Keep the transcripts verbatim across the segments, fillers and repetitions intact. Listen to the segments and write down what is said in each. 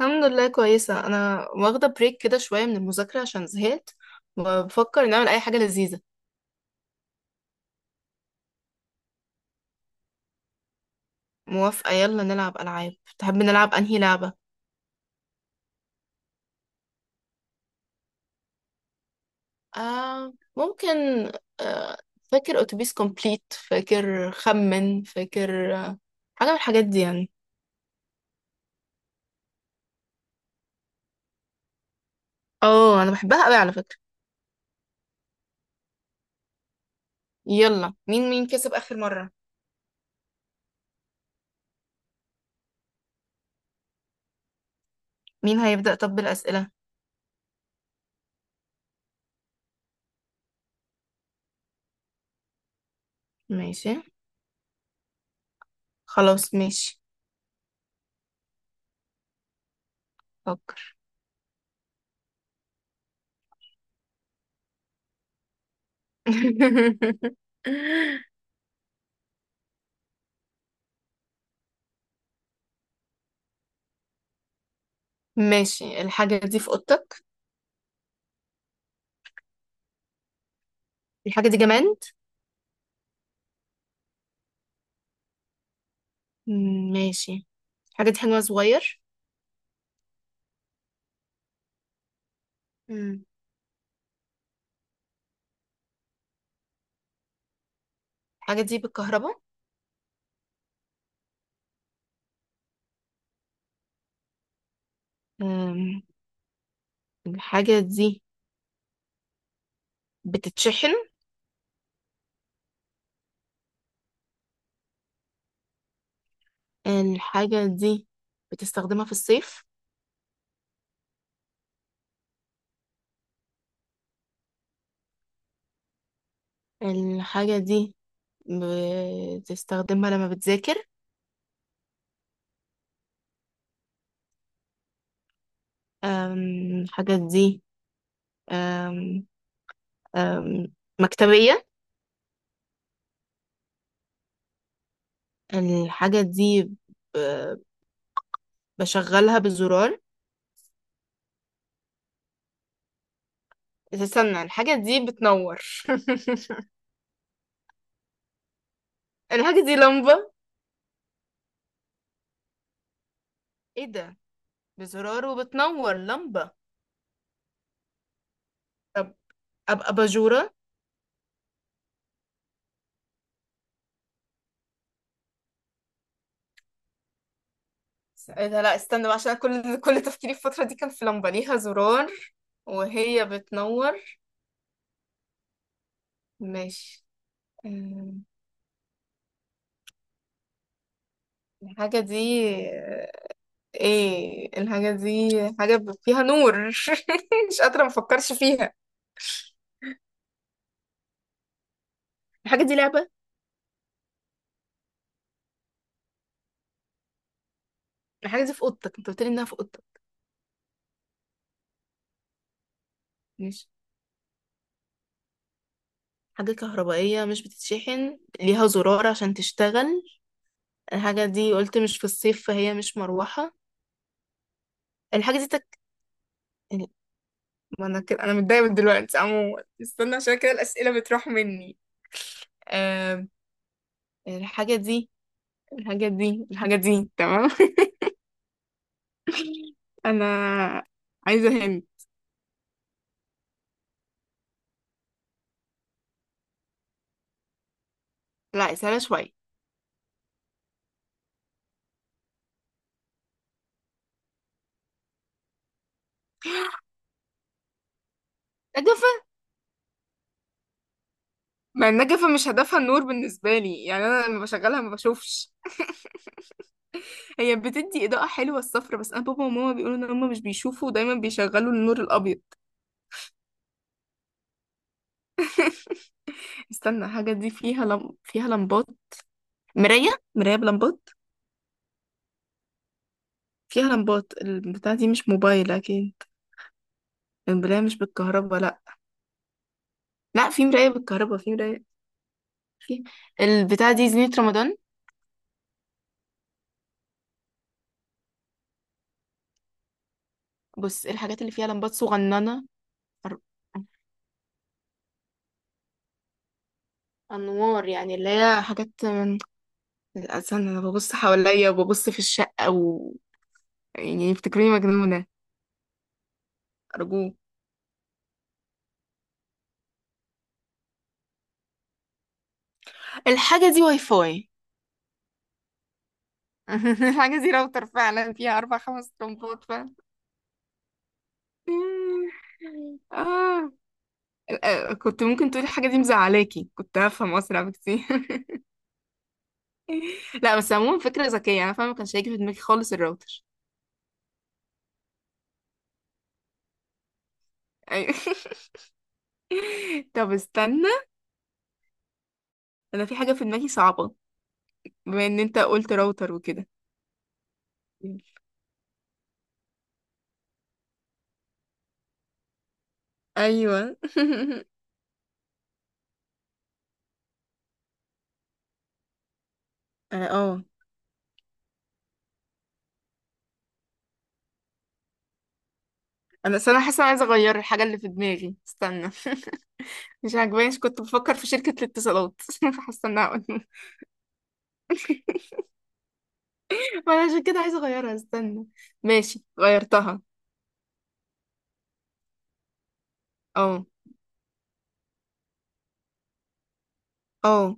الحمد لله، كويسة. أنا واخدة بريك كده شوية من المذاكرة عشان زهقت وبفكر نعمل أي حاجة لذيذة. موافقة، يلا نلعب ألعاب. تحب نلعب أنهي لعبة؟ آه، ممكن. آه. فاكر أتوبيس كومبليت؟ فاكر خمن؟ فاكر؟ آه. حاجة من الحاجات دي يعني. اه، أنا بحبها أوي على فكرة. يلا، مين مين كسب آخر مرة؟ مين هيبدأ طب بالأسئلة؟ ماشي. خلاص، ماشي. فكر. ماشي، الحاجة دي في أوضتك؟ الحاجة دي جماد. مم، ماشي. الحاجة دي حجمها صغير. مم. الحاجة دي بالكهرباء. أم، الحاجة دي بتتشحن؟ الحاجة دي بتستخدمها في الصيف؟ الحاجة دي بتستخدمها لما بتذاكر؟ أم، الحاجة دي. أم، أم، مكتبية؟ الحاجة دي ب- بشغلها بالزرار. استنى، الحاجة دي بتنور! الحاجة دي لمبة. ايه ده؟ بزرار وبتنور، لمبة. طب أبقى باجورة. س- إيه ده؟ لا، استنى بقى، عشان كل كل تفكيري في الفترة دي كان في لمبة ليها زرار وهي بتنور. ماشي. أم، الحاجة دي. ايه الحاجة دي؟ حاجة ب- فيها نور. مش قادرة، مفكرش فيها. الحاجة دي لعبة؟ الحاجة دي في أوضتك، انت قلتلي انها في أوضتك. ماشي. حاجة كهربائية مش بتتشحن، ليها زرار عشان تشتغل. الحاجة دي قلت مش في الصيف، فهي مش مروحة. الحاجة دي تك... ما انا كده، انا متضايقه من دلوقتي. عموما استنى، عشان كده الاسئله بتروح مني. آه. الحاجه دي. الحاجه دي الحاجه دي تمام. انا عايزه هند. لا، سهله شويه. نجفه. ما النجفه مش هدفها النور بالنسبه لي يعني. انا لما بشغلها ما بشوفش. هي بتدي اضاءه حلوه، الصفرة، بس انا بابا وماما بيقولوا ان هم مش بيشوفوا ودايما بيشغلوا النور الابيض. استنى، الحاجه دي فيها لم... فيها لمبات. مرايه. مرايه بلمبات. فيها لمبات البتاعه دي، مش موبايل اكيد. المرايه مش بالكهرباء، لا. لا، في مراية بالكهرباء، في مراية. في البتاعة دي زينة رمضان. بص، الحاجات اللي فيها لمبات صغننة. أر- أنوار يعني، اللي هي حاجات من الأذان. أنا ببص حواليا وببص في الشقة و... يعني يفتكروني مجنونة. أرجوك. الحاجة دي واي فاي. الحاجة دي راوتر فعلا، فيها أربع خمس لمبات فعلا. آه. آه، كنت ممكن تقولي الحاجة دي مزعلاكي، كنت هفهم أسرع بكتير. لا، بس عموما فكرة ذكية، أنا فاهمة، ما كانش هيجي في دماغي خالص الراوتر. أيوة. طب استنى، انا في حاجة في دماغي صعبة. بما ان انت قلت راوتر وكده. ايوه. اه. آه. انا اصل انا حاسة أنا عايزة اغير الحاجة اللي في دماغي، استنى. مش عاجبانيش، كنت بفكر في شركة الاتصالات، فحاسة انها، قلت. وانا عشان كده عايزة اغيرها، استنى. ماشي، غيرتها. اه. اه.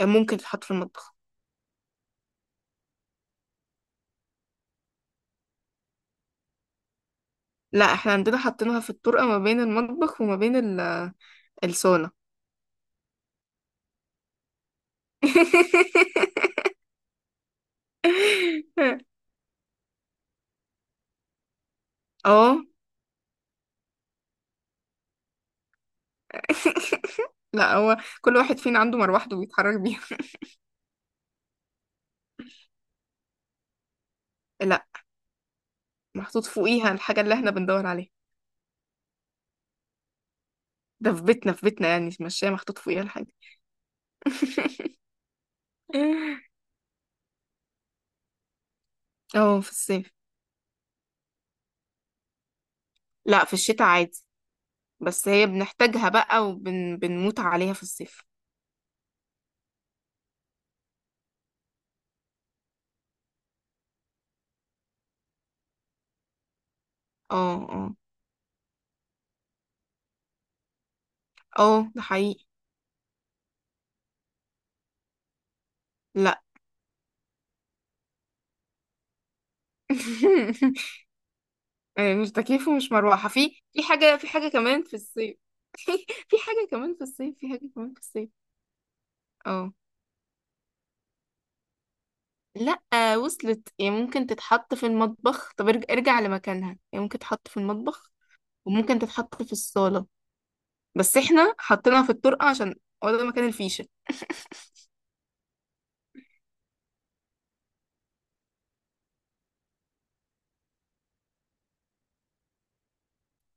ممكن تتحط في المطبخ. لا، احنا عندنا حاطينها في الطرقة ما بين المطبخ وما بين ال- الصالة. اه. لا، هو كل واحد فينا عنده مروحته بيتحرك بيها. لا. محطوط فوقيها الحاجة اللي احنا بندور عليها. ده في بيتنا، في بيتنا يعني المشاية محطوط فوقيها الحاجة. اه، في الصيف. لا، في الشتاء عادي، بس هي بنحتاجها بقى وبنموت عليها في الصيف. اه. اه. اه، ده حقيقي. لا. آه، مش تكييف ومش مروحة. في في حاجة، في حاجة كمان في الصيف. في حاجة كمان في الصيف، في حاجة كمان في الصيف. اه. لا، وصلت يعني. ممكن تتحط في المطبخ، طب ارج- ارجع لمكانها. يعني ممكن تتحط في المطبخ وممكن تتحط في الصالة، بس احنا حطيناها في الطرقة عشان هو ده مكان الفيشة.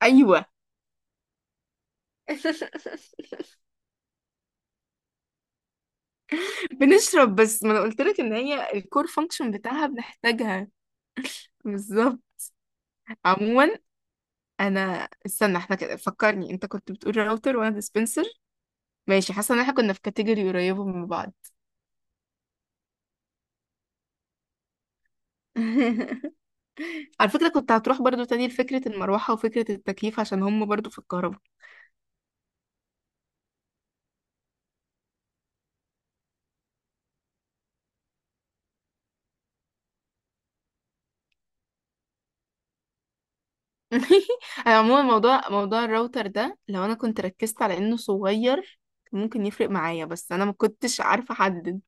ايوه. بنشرب، بس ما انا قلت لك ان هي الكور فانكشن بتاعها بنحتاجها. بالظبط. عموما، انا استنى، احنا كده فكرني انت كنت بتقول راوتر وانا ديسبنسر. ماشي، حاسه ان احنا كنا في كاتيجوري قريبه من بعض. على فكره كنت هتروح برضو تاني لفكره المروحه وفكره التكييف عشان هم برضو في الكهرباء. انا عموما، موضوع موضوع الراوتر ده، لو انا كنت ركزت على انه صغير كان ممكن يفرق معايا، بس انا ما كنتش عارفه احدد.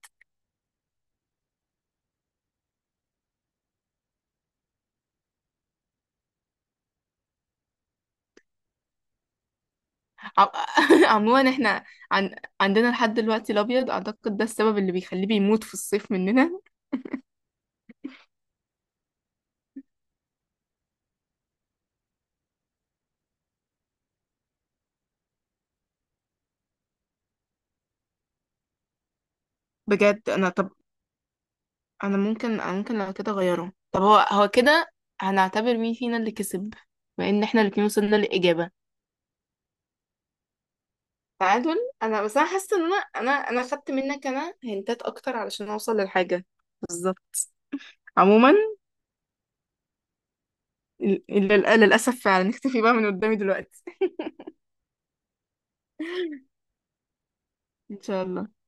ع- عموما احنا عن... عندنا لحد دلوقتي الابيض، اعتقد ده السبب اللي بيخليه بيموت في الصيف مننا. بجد انا، طب انا ممكن أنا ممكن لو كده اغيره. طب هو هو كده هنعتبر مين فينا اللي كسب؟ بما ان احنا الاتنين وصلنا للاجابه. تعادل. انا بس انا حاسه ان انا انا انا خدت منك، انا هنتات اكتر علشان اوصل للحاجه. بالظبط. عموما ال- ال- للأسف فعلا. نختفي بقى من قدامي دلوقتي. إن شاء الله.